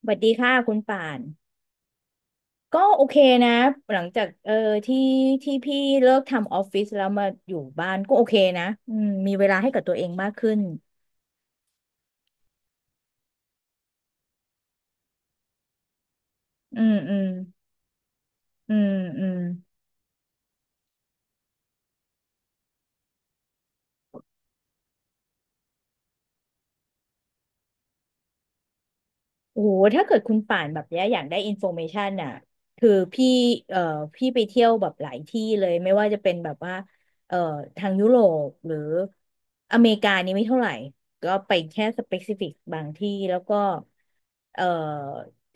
สวัสดีค่ะคุณป่านก็โอเคนะหลังจากที่ที่พี่เลิกทำออฟฟิศแล้วมาอยู่บ้านก็โอเคนะมีเวลาให้กับตัวเองมากขึ้นอืมอืมอืมอืม โอ้โหถ้าเกิดคุณป่านแบบเนี้ยอยากได้อินโฟเมชันอ่ะคือพี่เอ่อพี่ไปเที่ยวแบบหลายที่เลย ไม่ว่าจะเป็นแบบว่าเอ่อทางยุโรปหรืออเมริกานี่ไม่เท่าไหร่ ก็ไปแค่สเปกซิฟิกบางที่แล้วก็เอ่อ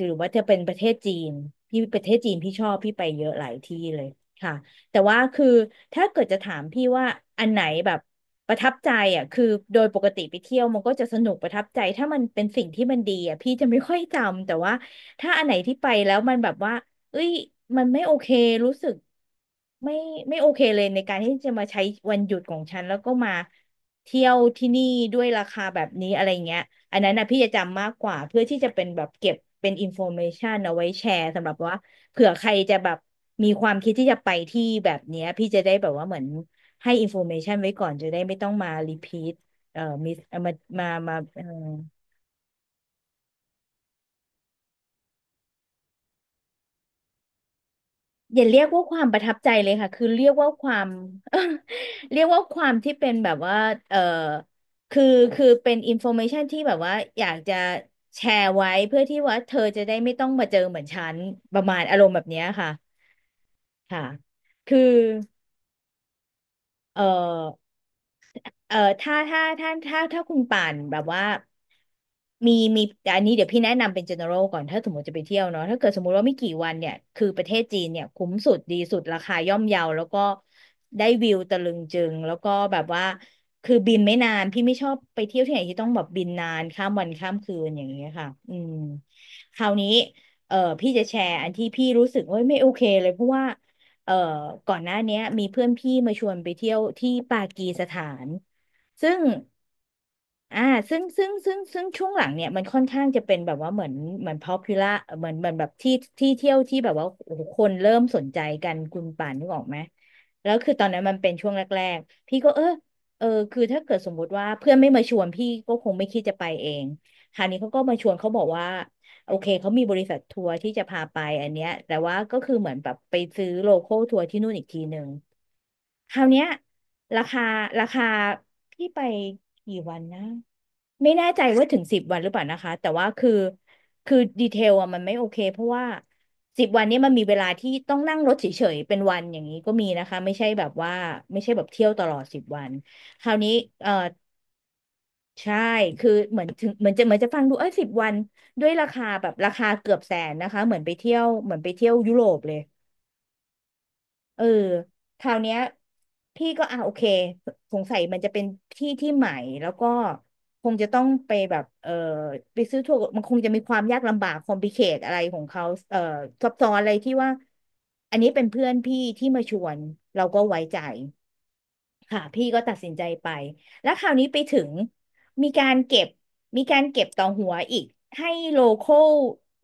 หรือว่าจะเป็นประเทศจีนพี่ประเทศจีนพี่ชอบพี่ไปเยอะหลายที่เลยค่ะ แต่ว่าคือถ้าเกิดจะถามพี่ว่าอันไหนแบบประทับใจอ่ะคือโดยปกติไปเที่ยวมันก็จะสนุกประทับใจถ้ามันเป็นสิ่งที่มันดีอ่ะพี่จะไม่ค่อยจำแต่ว่าถ้าอันไหนที่ไปแล้วมันแบบว่าเอ้ยมันไม่โอเครู้สึกไม่ไม่โอเคเลยในการที่จะมาใช้วันหยุดของฉันแล้วก็มาเที่ยวที่นี่ด้วยราคาแบบนี้อะไรเงี้ยอันนั้นนะพี่จะจำมากกว่าเพื่อที่จะเป็นแบบเก็บเป็นอินโฟเมชันเอาไว้แชร์สำหรับว่า เผื่อใครจะแบบมีความคิดที่จะไปที่แบบเนี้ยพี่จะได้แบบว่าเหมือนให้อินโฟเมชันไว้ก่อนจะได้ไม่ต้องมารีพีทมิสมามาอย่าเรียกว่าความประทับใจเลยค่ะคือเรียกว่าความ เรียกว่าความที่เป็นแบบว่าเอ่อคือคือเป็นอินโฟเมชันที่แบบว่าอยากจะแชร์ไว้เพื่อที่ว่าเธอจะได้ไม่ต้องมาเจอเหมือนฉันประมาณอารมณ์แบบเนี้ยค่ะค่ะคือ เออเออถ้าคุณป่านแบบว่ามีมีอันนี้เดี๋ยวพี่แนะนำเป็น general ก่อนถ้าสมมติจะไปเที่ยวเนาะถ้าเกิดสมมติว่าไม่กี่วันเนี่ยคือประเทศจีนเนี่ยคุ้มสุดดีสุดราคาย่อมเยาแล้วก็ได้วิวตะลึงจึงแล้วก็แบบว่าคือบินไม่นานพี่ไม่ชอบไปเที่ยวที่ไหนที่ต้องแบบบินนานข้ามวันข้ามคืนอย่างเงี้ยค่ะคราวนี้เออพี่จะแชร์อันที่พี่รู้สึกว่าไม่โอเคเลยเพราะว่า เอ่อก่อนหน้าเนี้ยมีเพื่อนพี่มาชวนไปเที่ยวที่ปากีสถานซึ่งอ่าซึ่งช่วงหลังเนี่ยมันค่อนข้างจะเป็นแบบว่าเหมือนpopular เหมือนแบบที่เที่ยวที่แบบว่าโอ้โหคนเริ่มสนใจกันคุณป่านนึกออกไหมแล้วคือตอนนั้นมันเป็นช่วงแรกๆพี่ก็คือถ้าเกิดสมมุติว่าเพื่อนไม่มาชวนพี่ก็คงไม่คิดจะไปเองคราวนี้เขาก็มาชวนเขาบอกว่า โอเคเขามีบริษัททัวร์ที่จะพาไปอันเนี้ยแต่ว่าก็คือเหมือนแบบไปซื้อโลคอลทัวร์ที่นู่นอีกทีหนึ่งคราวเนี้ยราคาราคาพี่ไปกี่วันนะไม่แน่ใจว่าถึงสิบวันหรือเปล่านะคะแต่ว่าคือดีเทลอะมันไม่โอเคเพราะว่าสิบวันเนี้มันมีเวลาที่ต้องนั่งรถเฉยๆเป็นวันอย่างนี้ก็มีนะคะไม่ใช่แบบว่าไม่ใช่แบบเที่ยวตลอดสิบวันคราวนี้เอ่อ ใช่ คือเหมือนถึงเหมือนจะเหมือนจะฟังดูเอ้ยสิบวัน ด้วยราคาแบบราคาเกือบแสนนะคะ เหมือนไปเที่ยวเหมือนไปเที่ยวยุโรปเลยเออคราวเนี้ยพี่ก็โอเคสงสัยมันจะเป็นที่ที่ใหม่ แล้วก็คงจะต้องไปแบบไปซื้อทัวร์มันคงจะมีความยากลำบาก คอมพลิเคทอะไรของเขาเออซับซ้อนอะไรที่ว่าอันนี้เป็นเพื่อนพี่ที่มาชวนเราก็ไว้ใจ ค่ะพี่ก็ตัดสินใจไปแล้วคราวนี้ไปถึงมีการเก็บมีการเก็บต่อหัวอีกให้โลคอล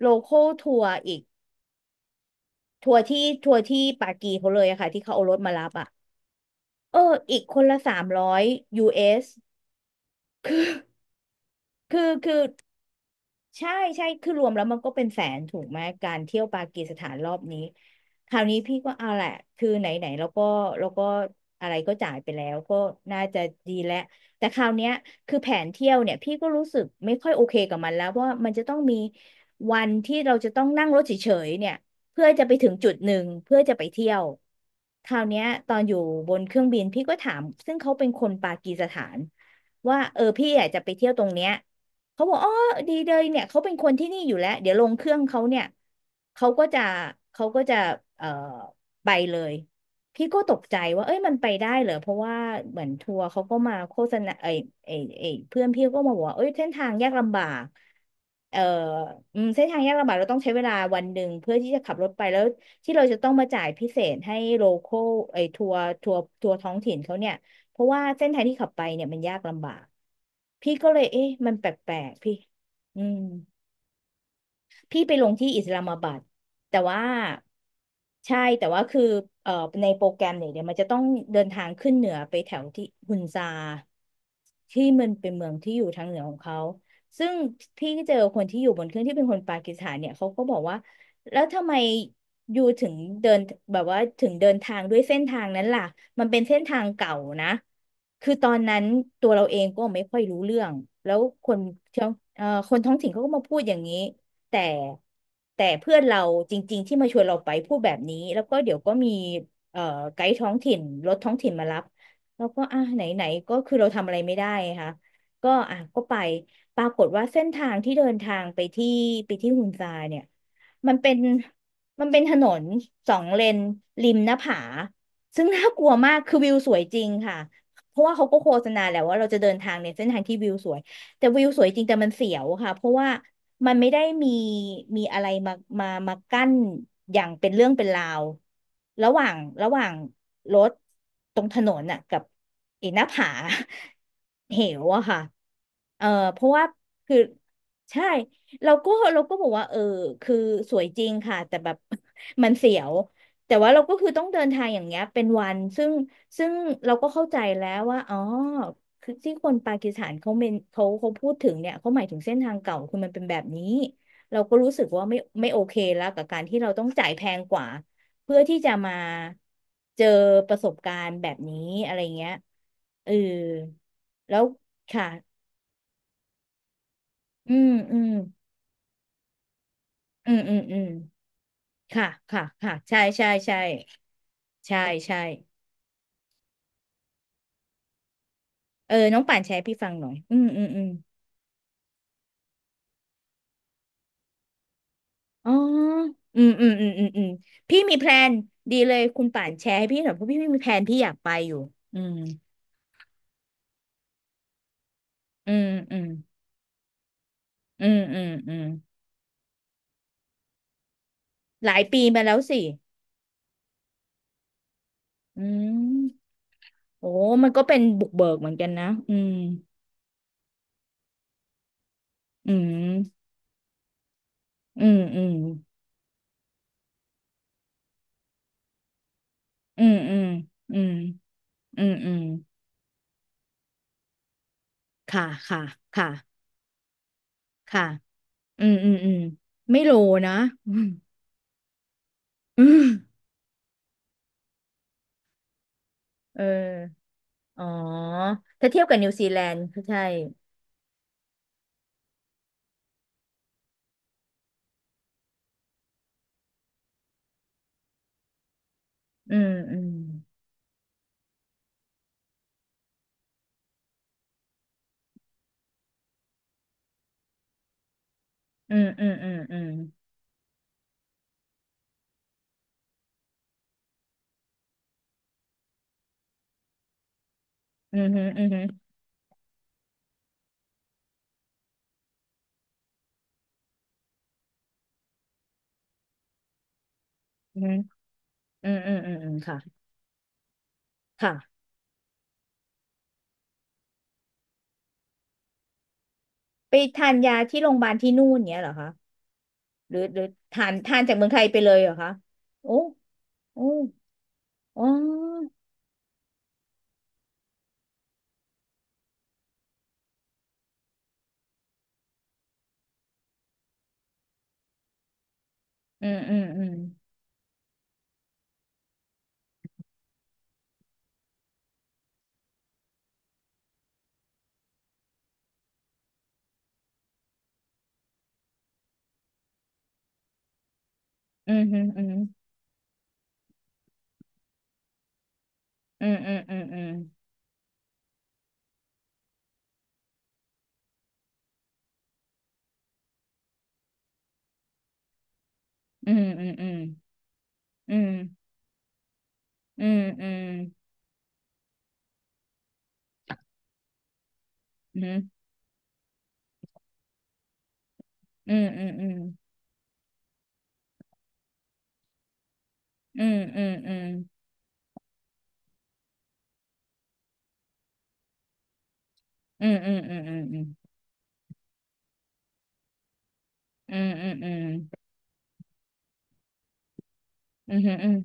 ทัวร์อีกทัวร์ที่ทัวร์ที่ปากีเขาเลยอะค่ะที่เขาเอารถมารับอะเอออีกคนละ300 US ใช่ใช่คือรวมแล้วมันก็เป็นแสนถูกไหมการเที่ยวปากีสถานรอบนี้คราวนี้พี่ก็เอาแหละคือไหนไหนแล้วก็อะไรก็จ่ายไปแล้วก็น่าจะดีแล้วแต่คราวเนี้ยคือแผนเที่ยวเนี่ยพี่ก็รู้สึกไม่ค่อยโอเคกับมันแล้วเพราะว่ามันจะต้องมีวันที่เราจะต้องนั่งรถเฉยๆเนี่ยเพื่อจะไปถึงจุดหนึ่งเพื่อจะไปเที่ยวคราวเนี้ยตอนอยู่บนเครื่องบินพี่ก็ถามซึ่งเขาเป็นคนปากีสถานว่าเออพี่อยากจะไปเที่ยวตรงเนี้ย เขาบอกอ๋อดีเลยเนี่ยเขาเป็นคนที่นี่อยู่แล้วเดี๋ยวลงเครื่องเขาเนี่ยเขาก็จะเขาก็จะเอ่อไปเลย พี่ก็ตกใจว่าเอ้ยมันไปได้เหรอ เพราะว่าเหมือนทัวร์เขาก็มาโฆษณาไอ้เพื่อนพี่ก็มาบอกว่าเอ้ยเส้นทางยากลำบากเอ่ออืมเส้นทางยากลำบากเราต้องใช้เวลาวันหนึ่งเพื่อที่จะขับรถไปแล้วที่เราจะต้องมาจ่ายพิเศษให้โลคอลไอ้ทัวร์ท้องถิ่นเขาเนี่ย เพราะว่าเส้นทางที่ขับไปเนี่ยมันยากลำบาก พี่ก็เลยเอ๊ะมันแปลกๆพี่อืม พี่ไปลงที่อิสลามบัดแต่ว่าใช่แต่ว่าคือเอ่อในโปรแกรมเนี่ยเดี๋ยวมันจะต้องเดินทางขึ้นเหนือไปแถวที่ฮุนซาที่มันเป็นเมืองที่อยู่ทางเหนือของเขาซึ่งพี่ก็เจอคนที่อยู่บนเครื่องที่เป็นคนปากีสถานเนี่ยเขาก็บอกว่าแล้วทำไมอยู่ถึงเดินแบบว่าถึงเดินทางด้วยเส้นทางนั้นล่ะมันเป็นเส้นทางเก่านะคือตอนนั้นตัวเราเองก็ไม่ค่อยรู้เรื่องแล้วคนท้องคนท้องถิ่นเขาก็มาพูดอย่างนี้ แต่แต่เพื่อนเราจริงๆที่มาชวนเราไปพูดแบบนี้แล้วก็เดี๋ยวก็มีเอ่อไกด์ท้องถิ่นรถท้องถิ่นมารับแล้วก็อ่ะไหนๆก็คือเราทำอะไรไม่ได้ค่ะก็อ่ะก็ไปปรากฏว่าเส้นทางที่เดินทางไปที่ฮุนซาเนี่ยมันเป็นมันเป็นถนนสองเลนริมหน้าผาซึ่งน่ากลัวมากคือวิวสวยจริงค่ะเพราะว่าเขาก็โฆษณาแหละว่าเราจะเดินทางในเส้นทางที่วิวสวย แต่วิวสวยจริงแต่มันเสียวค่ะเพราะว่ามันไม่ได้มีมีอะไรมามากั้นอย่างเป็นเรื่องเป็นราวระหว่างระหว่างรถตรงถนนน่ะกับไอ้หน้าผา เหวอะค่ะเออเพราะว่าคือใช่เราก็บอกว่าเออคือสวยจริงค่ะแต่แบบ มันเสียวแต่ว่าเราก็คือต้องเดินทางอย่างเงี้ยเป็นวันซึ่งเราก็เข้าใจแล้วว่าอ๋อ คือที่คนปากีสถานเขาเมนเขาพูดถึงเนี่ยเขาหมายถึงเส้นทางเก่าคือมันเป็นแบบนี้เราก็รู้สึกว่าไม่โอเคแล้วกับการที่เราต้องจ่ายแพงกว่าเพื่อที่จะมาเจอประสบการณ์แบบนี้อะไรเงี้ยเออแล้วค่ะอืมอืมอืมอืมอืมค่ะค่ะค่ะใช่ใช่ใช่ใช่ใช่เออน้องป่านแชร์ให้พี่ฟังหน่อยอืมอืมอืม อ๋ออืมอืมอืมอืมอืมพี่มีแพลนดีเลยคุณป่านแชร์ให้พี่หน่อยเพราะพี่ไม่มีแพลนพี่อยากไปอยู่อืมอืมอืมอืมอืมอืมหลายปีมาแล้วสิอืมโอ้มันก็เป็นบุกเบิกเหมือนกันนะ อืมอืมอืมอืมอืมอืมอืมอืมอืมค่ะค่ะค่ะค่ะอืมอืมอืมไม่โลนะ อืมเอออ๋อถ้าเทียบกับนิวซีแลนด์ก็ใช่อืมอืม อืมอืมอืมอืมอืมอืมอืมอืมอืมอืมอืมอืมค่ะค่ะไปทานยาที่โรงพยาบาลที่นู่นเนี้ยเหรอคะหรือทานจากเมืองไทยไปเลยเหรอคะโอ้โอ้อ๋ออืมอืมอืมอืมอืมอืมอืมอืมอืมอืมอืมอืมอืมอืมอืมอืมอืมอืมอืมอืมอืมอืมอืมอืมอืมอืมอืมอืม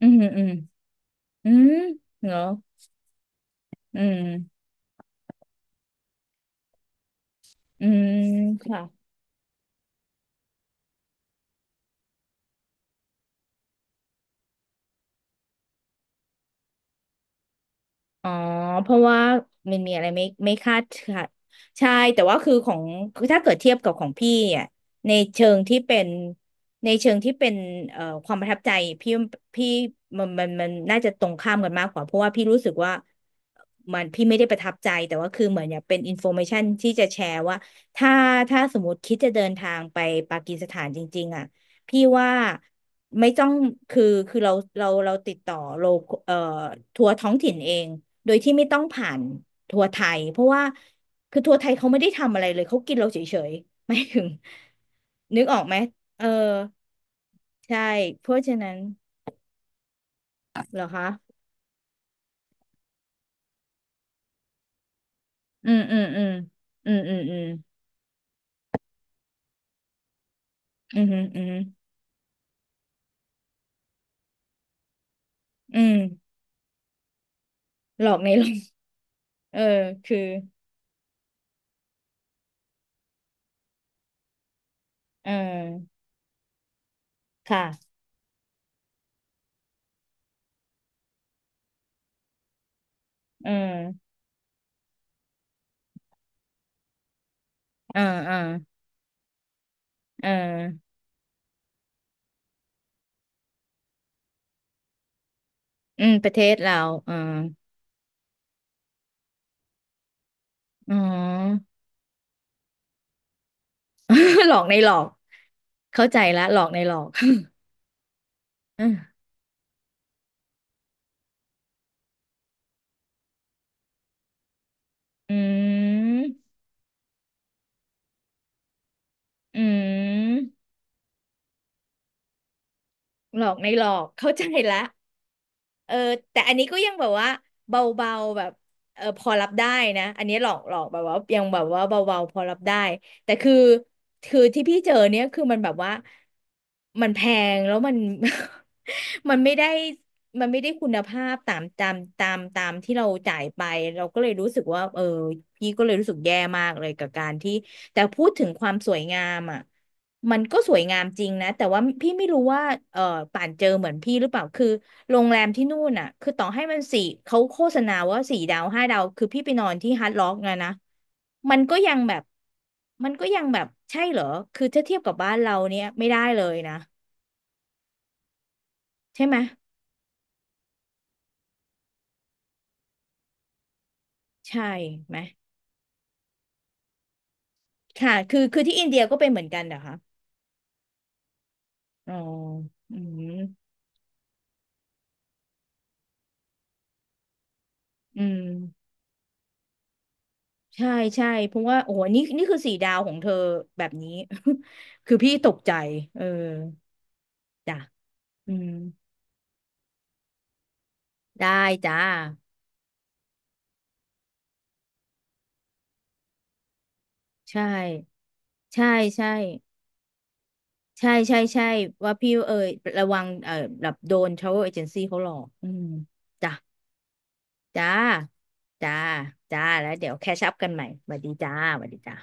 อืมอืมอืมอืมอืมอืมอืมอืมเหรออืม อืมค่ะอ๋อ เพราะว่ามันมีอะไรไม่คาดค่ะใช่แต่ว่าคือของคือถ้าเกิดเทียบกับของพี่อ่ะในเชิงที่เป็นในเชิงที่เป็นความประทับใจพี่พี่มันน่าจะตรงข้ามกันมากกว่าเพราะว่าพี่รู้สึกว่ามันพี่ไม่ได้ประทับใจแต่ว่าคือเหมือนอยากเป็นอินโฟ a มชันที่จะแชร์ว่าถ้าถ้าสมมติคิดจะเดินทางไปปากีสถานจริงๆอ่ะพี่ว่า ไม่ต้องคือคือเราติดต่อโลเอ่อทัวร์ท้องถิ่นเองโดยที่ไม่ต้องผ่านทัวร์ไทยเพราะว่าคือทัวร์ไทยเขาไม่ได้ทำอะไรเลยเขากินเราเฉยๆ ไม่ถึงนึกออกไหมเออใช่เพราะฉะนั้นเหรอคะอืมอืมอืมอืมอืมอืมอืมอืมอืมหลอกในหลอก เออคือเออค่ะเออเออเออเอออืมประเทศเราเอออ๋อ หลอกในหลอก เข้าใจละหลอกในหลอก อืมอืมหลอกในหลอก เข้าใจละ เออแต่อันนี้ก็ยังแบบว่าเบาๆแบบเออพอรับได้นะอันนี้หลอกหลอกแบบว่ายังแบบว่าเบาๆพอรับได้แต่คือคือที่พี่เจอเนี่ยคือมันแบบว่ามันแพงแล้วมัน มันไม่ได้มันไม่ได้คุณภาพตามที่เราจ่ายไปเราก็เลยรู้สึกว่าเออพี่ก็เลยรู้สึกแย่มากเลยกับการที่แต่พูดถึงความสวยงามอ่ะ มันก็สวยงามจริงนะแต่ว่าพี่ไม่รู้ว่าเออป่านเจอเหมือนพี่หรือเปล่าคือโรงแรมที่นู่นอ่ะคือต่อให้มันสี่เขาโฆษณาว่าสี่ดาวห้าดาวคือพี่ไปนอนที่ฮาร์ดร็อกนะมันก็ยังแบบมันก็ยังแบบใช่เหรอคือถ้าเทียบกับบ้านเราเนี่ยไม่ได้เลยนะใช่ไหมใช่ไหมค่ะคือคือที่อินเดียก็เป็นเหมือนกันเหรอคะอ๋ออืมอืมใช่ใช่เพราะว่าโอ้โหนี่คือสี่ดาวของเธอแบบนี้ คือพี่ตกใจเออ จ้ะอืมได้จ้า ใช่ ใช่ ใช่ ใช่ ใช่ใช่ว่าพี่เอ่ยระวังแบบโดน travel agency เขาหลอกอืมจ้ะจ้า จ้า จ้า แล้วเดี๋ยวแคชอัพกันใหม่สวัสดีจ้าสวัสดีจ้า